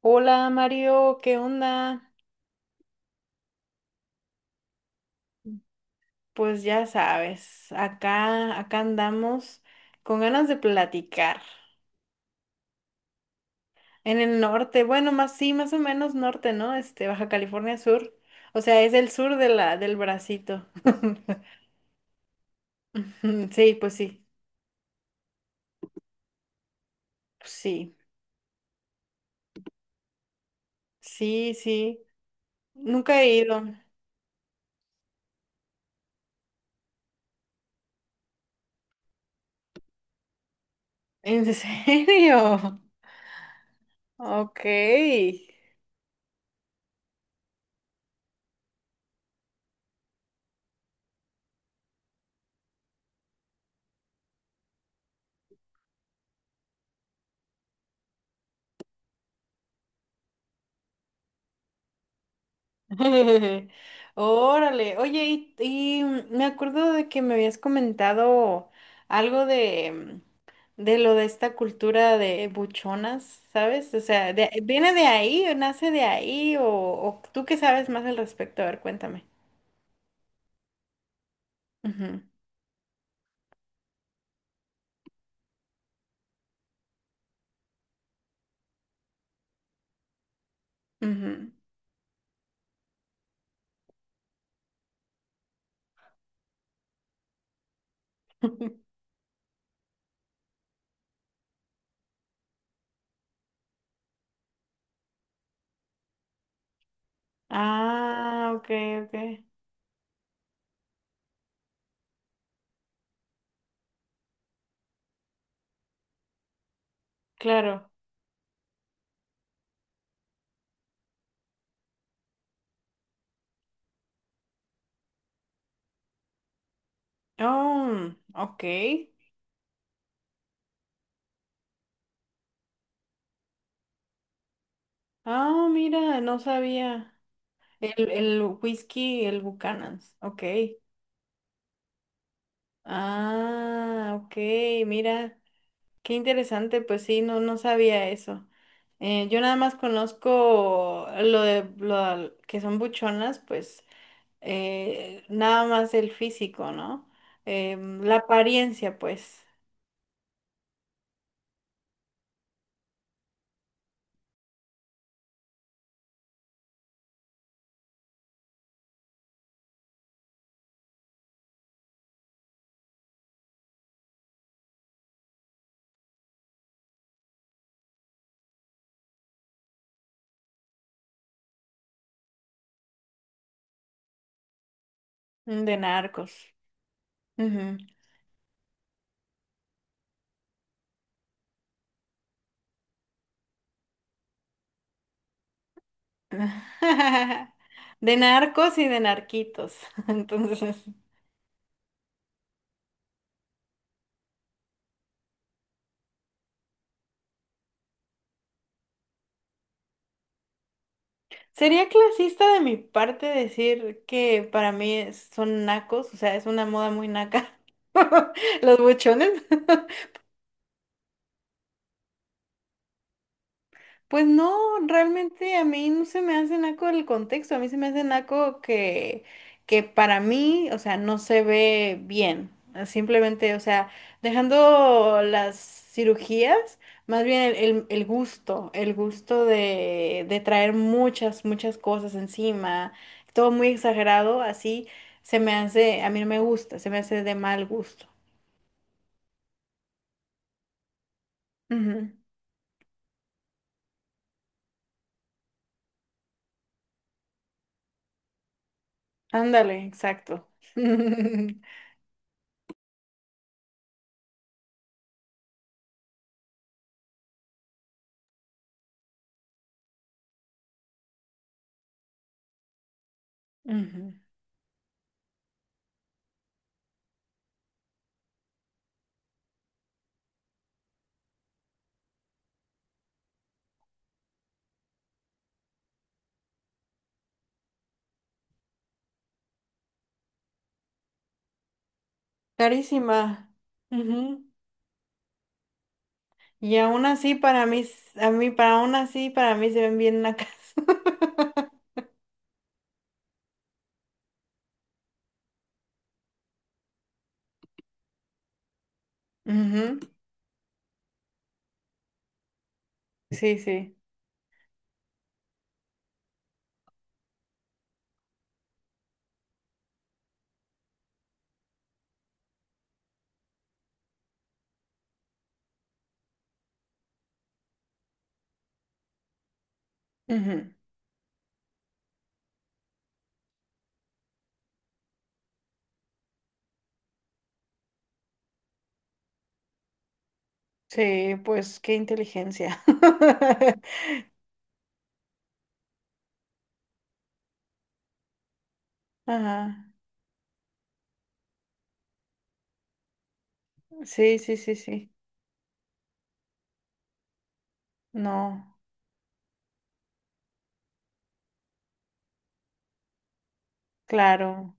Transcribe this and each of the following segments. Hola Mario, ¿qué onda? Pues ya sabes, acá andamos con ganas de platicar. En el norte, bueno, más sí, más o menos norte, ¿no? Baja California Sur. O sea, es el sur de la, del bracito. Sí, pues sí, sí, sí, sí. Nunca he ido. ¿En serio? Ok. Órale, oye, me acuerdo de que me habías comentado algo de de lo de esta cultura de buchonas, ¿sabes? O sea, ¿viene de ahí o nace de ahí? O, ¿o tú qué sabes más al respecto? A ver, cuéntame. Ujú, ujú. Ah, ok, ok, claro. Oh, ok. Ah, mira, no sabía. El whisky, el Buchanan's, ok. Ah, ok, mira, qué interesante, pues sí, no, no sabía eso. Yo nada más conozco lo de lo que son buchonas, pues nada más el físico, ¿no? La apariencia, pues, de narcos. Ujú. De narcos y de narquitos, entonces. Sería clasista de mi parte decir que para mí son nacos, o sea, es una moda muy naca. Los buchones. Pues no, realmente a mí no se me hace naco el contexto, a mí se me hace naco que para mí, o sea, no se ve bien. Simplemente, o sea, dejando las cirugías, más bien el gusto de traer muchas cosas encima, todo muy exagerado, así se me hace, a mí no me gusta, se me hace de mal gusto. Ujú, ándale, exacto. Ujú. Carísima. Ujú. Y aún así para mí, s- a mí, para aún así para mí se ven bien nacas. Ujú, sí, sí. Ujú. Sí, pues qué inteligencia. Ajá. Sí, sí, sí, sí. No, claro.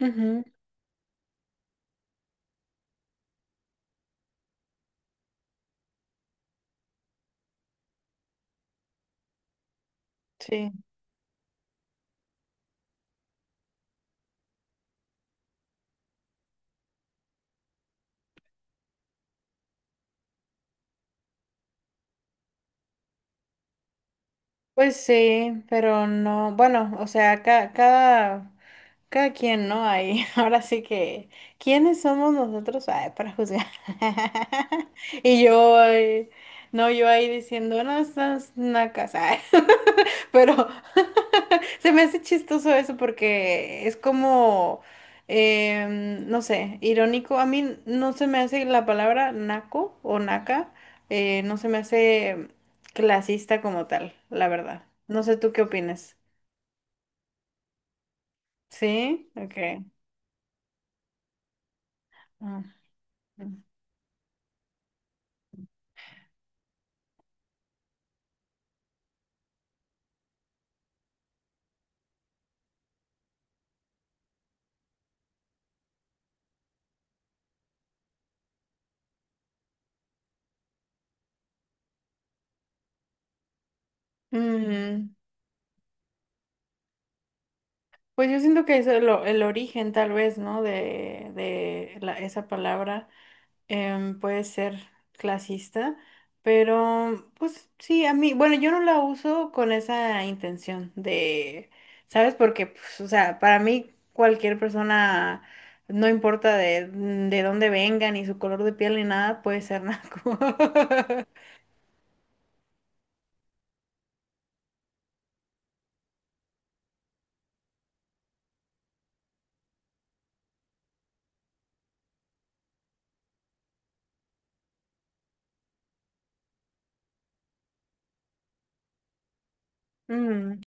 Ujú, sí. Pues sí, pero no, bueno, o sea, cada quien, ¿no? Ahí, ahora sí que, ¿quiénes somos nosotros, ay, para juzgar? Y yo, ay, no, yo ahí diciendo, no, estás nacas, ay. Pero se me hace chistoso eso porque es como, no sé, irónico. A mí no se me hace la palabra naco o naca, no se me hace clasista como tal, la verdad. No sé tú qué opinas. ¿Sí? Ok. Ah, mm. Pues yo siento que es el origen tal vez, ¿no? De esa palabra puede ser clasista, pero pues sí, a mí, bueno, yo no la uso con esa intención de, ¿sabes? Porque, pues, o sea, para mí cualquier persona, no importa de dónde venga, ni su color de piel, ni nada, puede ser naco. Mm,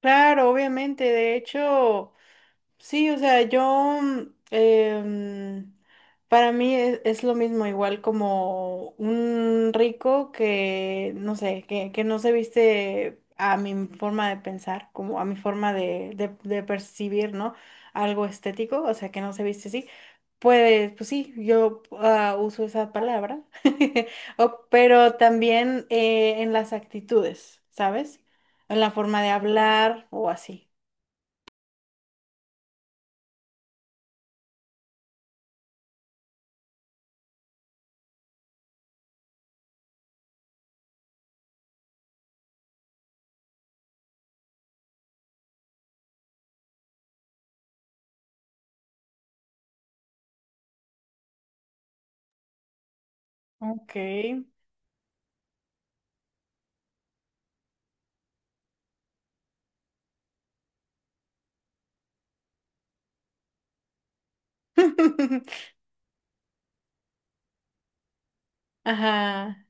claro, obviamente, de hecho. Sí, o sea, yo, para mí es lo mismo, igual como un rico que, no sé, que no se viste a mi forma de pensar, como a mi forma de percibir, ¿no? Algo estético, o sea, que no se viste así. Pues, pues sí, yo uso esa palabra, pero también en las actitudes, ¿sabes? En la forma de hablar o así. Ok. Ajá.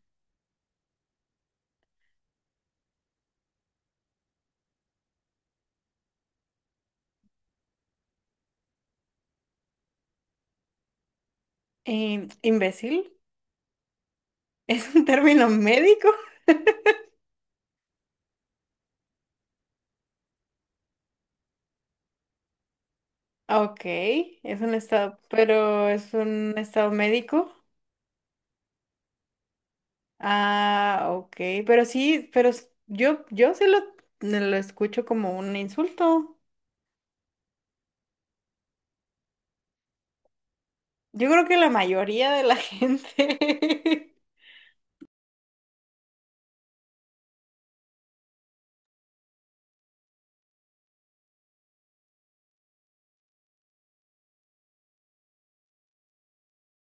¿Imbécil? ¿Es un término médico? Ah, ok, es un estado, pero es un estado médico. Ah, ok, pero sí, pero yo sí lo escucho como un insulto. Yo creo que la mayoría de la gente,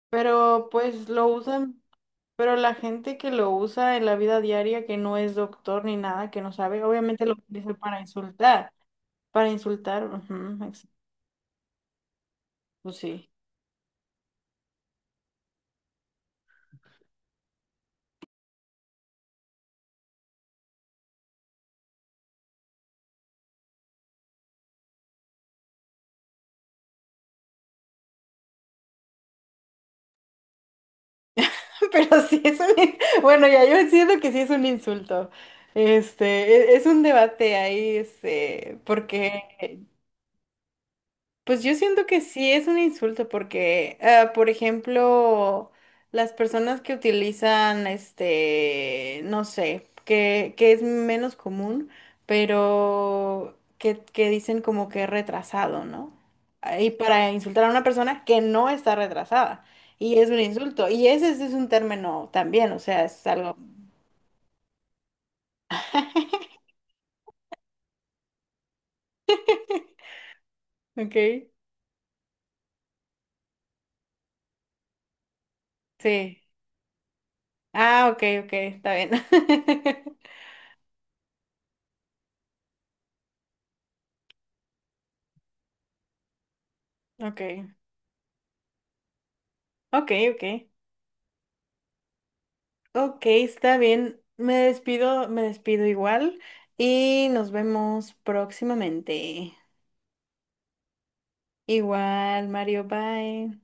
pero pues lo usan, pero la gente que lo usa en la vida diaria, que no es doctor ni nada, que no sabe, obviamente lo utiliza para insultar, ujú, pues sí. Pero sí es un bueno, ya yo siento que sí es un insulto. Es un debate ahí, este, porque, pues yo siento que sí es un insulto, porque, ah, por ejemplo, las personas que utilizan, este, no sé, que es menos común, pero que dicen como que retrasado, ¿no? Ah, y para insultar a una persona que no está retrasada. Y es un insulto. Y ese, sí es un término también, o sea, es algo. Ok, sí. Ah, ok, ok, está bien. Ok, ok, ok. Ok, está bien. Me despido igual y nos vemos próximamente. Igual, Mario, bye.